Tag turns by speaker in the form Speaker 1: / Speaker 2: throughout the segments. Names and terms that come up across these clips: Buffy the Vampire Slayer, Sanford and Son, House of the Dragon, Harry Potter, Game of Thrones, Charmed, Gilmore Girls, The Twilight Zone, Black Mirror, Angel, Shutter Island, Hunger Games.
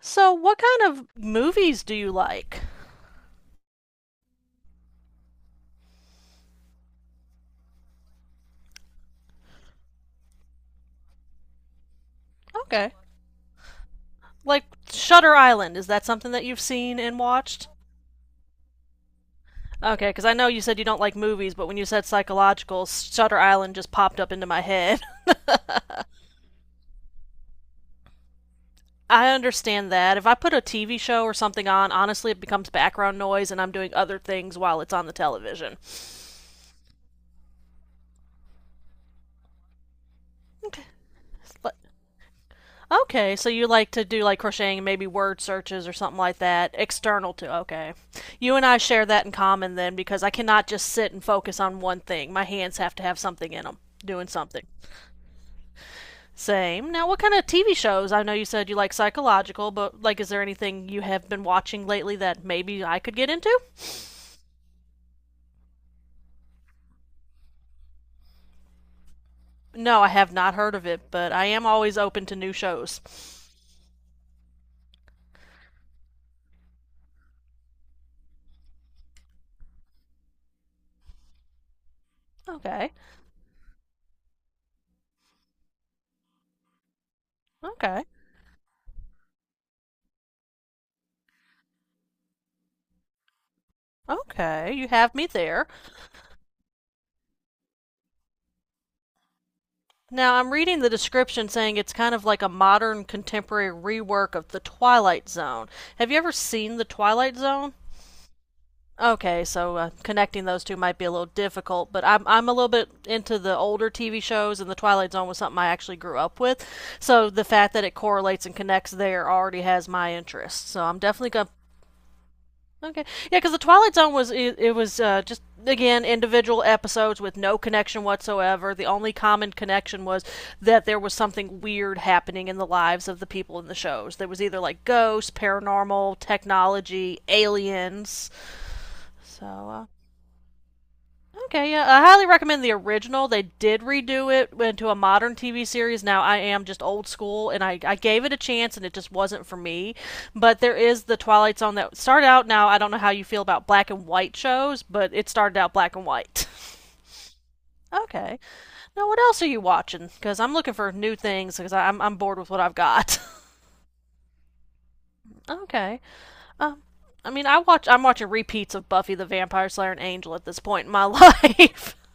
Speaker 1: So, what kind of movies do you like? Okay. Like Shutter Island, is that something that you've seen and watched? Okay, because I know you said you don't like movies, but when you said psychological, Shutter Island just popped up into my head. I understand that. If I put a TV show or something on, honestly, it becomes background noise and I'm doing other things while it's on the television. Okay. Okay, so you like to do like crocheting, maybe word searches or something like that, external to. Okay. You and I share that in common then because I cannot just sit and focus on one thing. My hands have to have something in them, doing something. Same. Now, what kind of TV shows? I know you said you like psychological, but like, is there anything you have been watching lately that maybe I could get into? No, I have not heard of it, but I am always open to new shows. Okay. Okay. Okay. You have me there. Now, I'm reading the description saying it's kind of like a modern contemporary rework of The Twilight Zone. Have you ever seen The Twilight Zone? Okay, so connecting those two might be a little difficult, but I'm a little bit into the older TV shows, and The Twilight Zone was something I actually grew up with. So the fact that it correlates and connects there already has my interest. So I'm definitely gonna Okay. Yeah, because the Twilight Zone was it was just again individual episodes with no connection whatsoever. The only common connection was that there was something weird happening in the lives of the people in the shows. There was either like ghosts, paranormal, technology, aliens. So Okay, yeah, I highly recommend the original. They did redo it into a modern TV series. Now I am just old school, and I gave it a chance, and it just wasn't for me. But there is the Twilight Zone that started out. Now I don't know how you feel about black and white shows, but it started out black and white. Okay, now what else are you watching? Because I'm looking for new things because I'm bored with what I've got. Okay, um, I mean I'm watching repeats of Buffy the Vampire Slayer and Angel at this point in my life.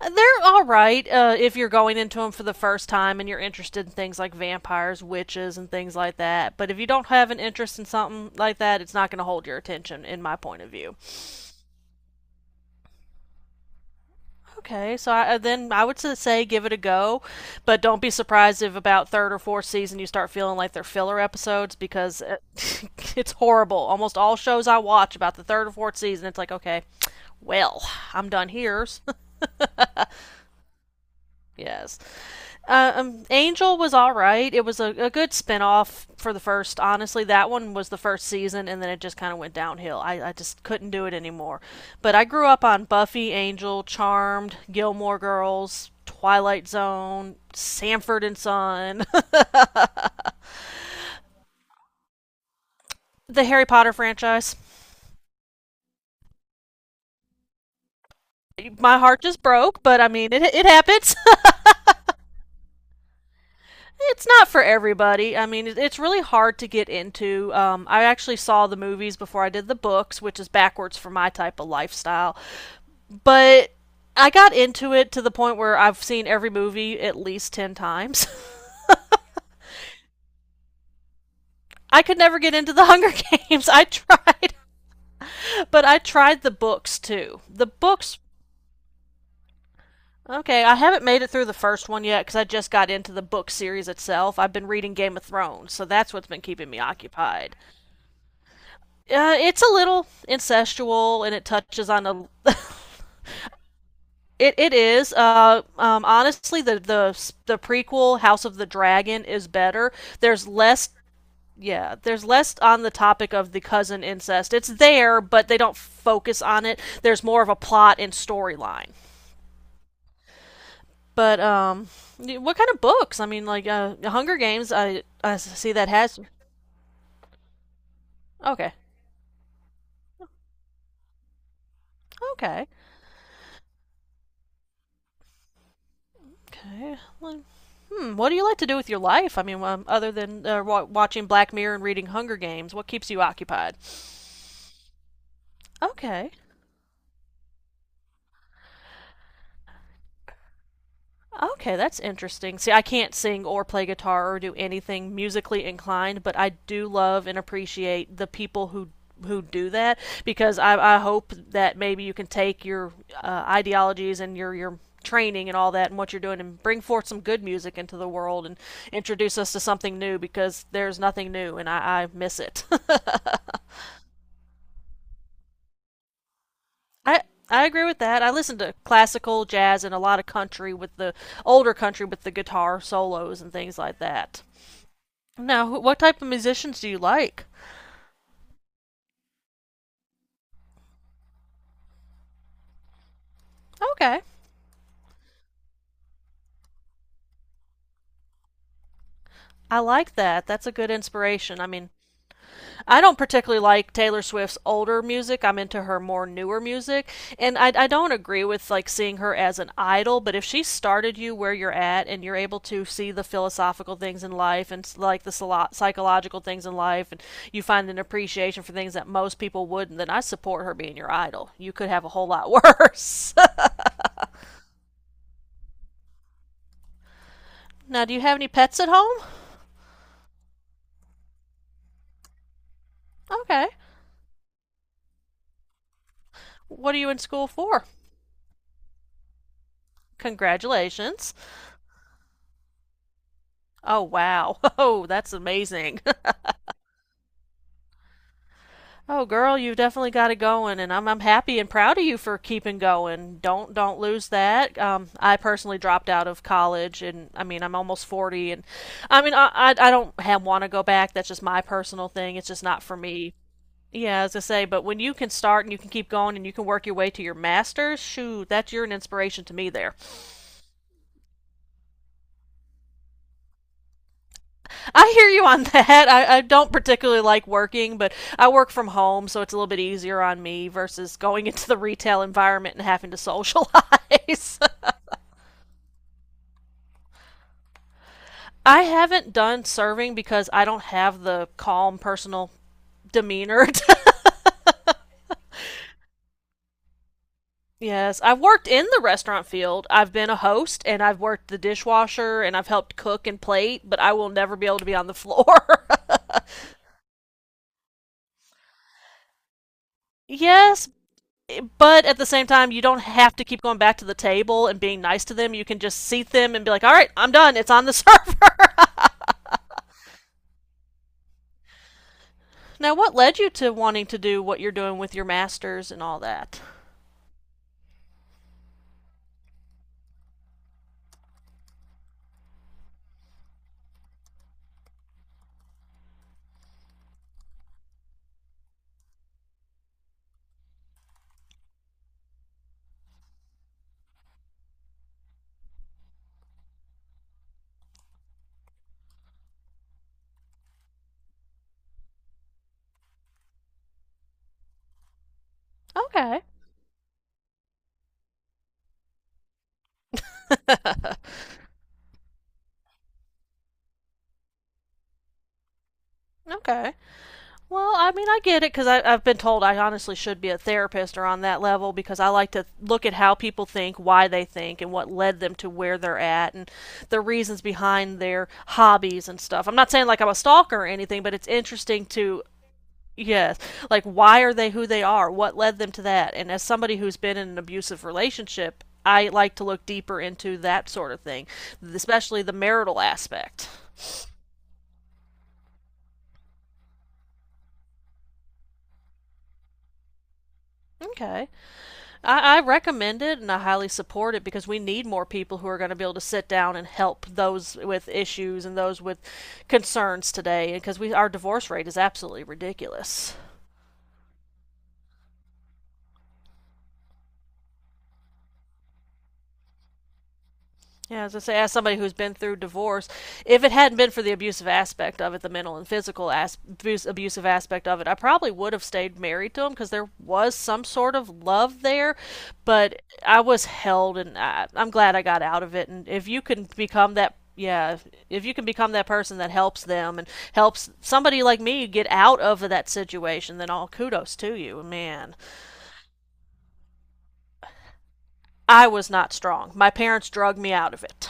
Speaker 1: They're all right if you're going into them for the first time and you're interested in things like vampires, witches, and things like that. But if you don't have an interest in something like that, it's not going to hold your attention, in my point of view. Okay, so then I would say give it a go, but don't be surprised if about third or fourth season you start feeling like they're filler episodes because it's horrible. Almost all shows I watch about the third or fourth season, it's like, okay, well, I'm done here. Yes. Angel was all right. It was a good spinoff for the first. Honestly, that one was the first season, and then it just kind of went downhill. I just couldn't do it anymore. But I grew up on Buffy, Angel, Charmed, Gilmore Girls, Twilight Zone, Sanford and Son, the Harry Potter franchise. My heart just broke, but I mean, it happens. it's not for everybody. I mean, it's really hard to get into. I actually saw the movies before I did the books, which is backwards for my type of lifestyle. But I got into it to the point where I've seen every movie at least 10 times. I could never get into the Hunger Games. I tried, but I tried the books too. The books, okay, I haven't made it through the first one yet because I just got into the book series itself. I've been reading Game of Thrones, so that's what's been keeping me occupied. It's a little incestual and it touches on a. It is. Honestly, the prequel, House of the Dragon, is better. There's less yeah, there's less on the topic of the cousin incest. It's there, but they don't focus on it. There's more of a plot and storyline. But what kind of books? I mean, like Hunger Games. I see that has. Okay, okay, okay. Well, Hmm. What do you like to do with your life? I mean, other than watching Black Mirror and reading Hunger Games, what keeps you occupied? Okay, Okay, that's interesting. See, I can't sing or play guitar or do anything musically inclined, but I do love and appreciate the people who do that because I hope that maybe you can take your ideologies and your training and all that and what you're doing and bring forth some good music into the world and introduce us to something new because there's nothing new and I miss it. I I agree with that. I listen to classical, jazz, and a lot of country with the older country with the guitar solos and things like that. Now, what type of musicians do you like? Okay. I like that. That's a good inspiration. I mean, I don't particularly like Taylor Swift's older music. I'm into her more newer music. And I don't agree with like seeing her as an idol, but if she started you where you're at and you're able to see the philosophical things in life and like the psychological things in life and you find an appreciation for things that most people wouldn't, then I support her being your idol. You could have a whole lot worse. now, do you have any pets at home? Okay. What are you in school for? Congratulations. Oh, wow. Oh, that's amazing. oh, girl, you've definitely got it going, and I'm happy and proud of you for keeping going. Don't lose that. I personally dropped out of college, and I mean, I'm almost 40, and I mean, I don't have, want to go back. That's just my personal thing. It's just not for me. Yeah, as I say, but when you can start and you can keep going and you can work your way to your master's, shoot, that's you're an inspiration to me there. I hear you on that. I don't particularly like working, but I work from home, so it's a little bit easier on me versus going into the retail environment and having to socialize. I haven't done serving because I don't have the calm personal demeanor. Yes, I've worked in the restaurant field. I've been a host and I've worked the dishwasher and I've helped cook and plate, but I will never be able to be on the floor. yes, But at the same time, you don't have to keep going back to the table and being nice to them. You can just seat them and be like, all right, I'm done. It's on the server. now, what led you to wanting to do what you're doing with your masters and all that? Okay. Okay. Well, I mean, I get it because I've been told I honestly should be a therapist or on that level because I like to look at how people think, why they think, and what led them to where they're at, and the reasons behind their hobbies and stuff. I'm not saying like I'm a stalker or anything, but it's interesting to Yes. Like, why are they who they are? What led them to that? And as somebody who's been in an abusive relationship, I like to look deeper into that sort of thing, especially the marital aspect. Okay. I recommend it and I highly support it because we need more people who are going to be able to sit down and help those with issues and those with concerns today because we our divorce rate is absolutely ridiculous. Yeah, as I say, as somebody who's been through divorce, if it hadn't been for the abusive aspect of it, the mental and physical abuse, abusive aspect of it, I probably would have stayed married to him because there was some sort of love there. But I was held, and I'm glad I got out of it. And if you can become that, yeah, if you can become that person that helps them and helps somebody like me get out of that situation, then all kudos to you, man. I was not strong. My parents drug me out of it.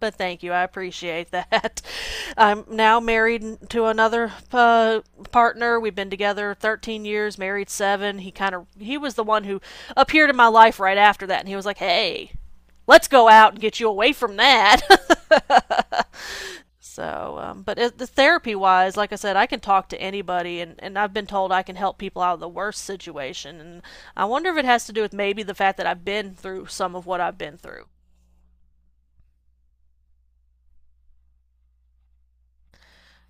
Speaker 1: But thank you, I appreciate that. I'm now married to another partner. We've been together 13 years, married seven. He kind of he was the one who appeared in my life right after that, and he was like, "Hey, let's go out and get you away from that." so, the therapy wise, like I said, I can talk to anybody, and I've been told I can help people out of the worst situation. And I wonder if it has to do with maybe the fact that I've been through some of what I've been through.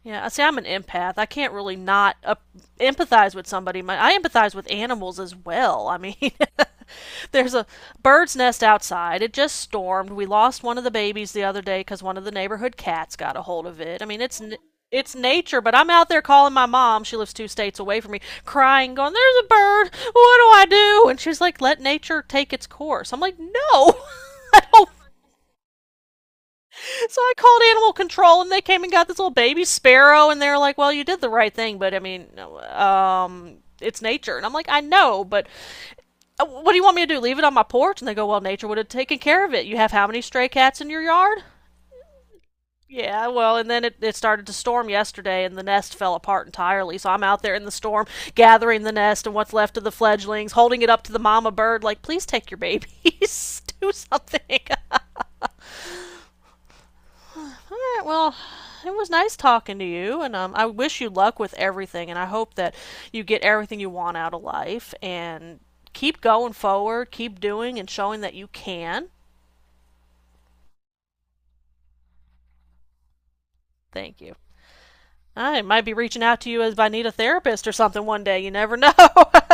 Speaker 1: Yeah, I see. I'm an empath. I can't really not empathize with somebody. My, I empathize with animals as well. I mean, there's a bird's nest outside. It just stormed. We lost one of the babies the other day because one of the neighborhood cats got a hold of it. I mean, it's nature, but I'm out there calling my mom. She lives two states away from me, crying, going, "There's a bird. What do I do?" And she's like, "Let nature take its course." I'm like, "No, I don't So I called animal control, and they came and got this little baby sparrow, and they're like, "Well, you did the right thing, but I mean, it's nature." And I'm like, "I know, but what do you want me to do? Leave it on my porch?" And they go, "Well, nature would have taken care of it. You have how many stray cats in your yard?" Yeah, well, and then it started to storm yesterday, and the nest fell apart entirely. So I'm out there in the storm, gathering the nest and what's left of the fledglings, holding it up to the mama bird, like, "Please take your babies, do something." All right, well, it was nice talking to you, and I wish you luck with everything, and I hope that you get everything you want out of life, and keep going forward, keep doing and showing that you can. Thank you. I might be reaching out to you as if I need a therapist or something one day. You never know.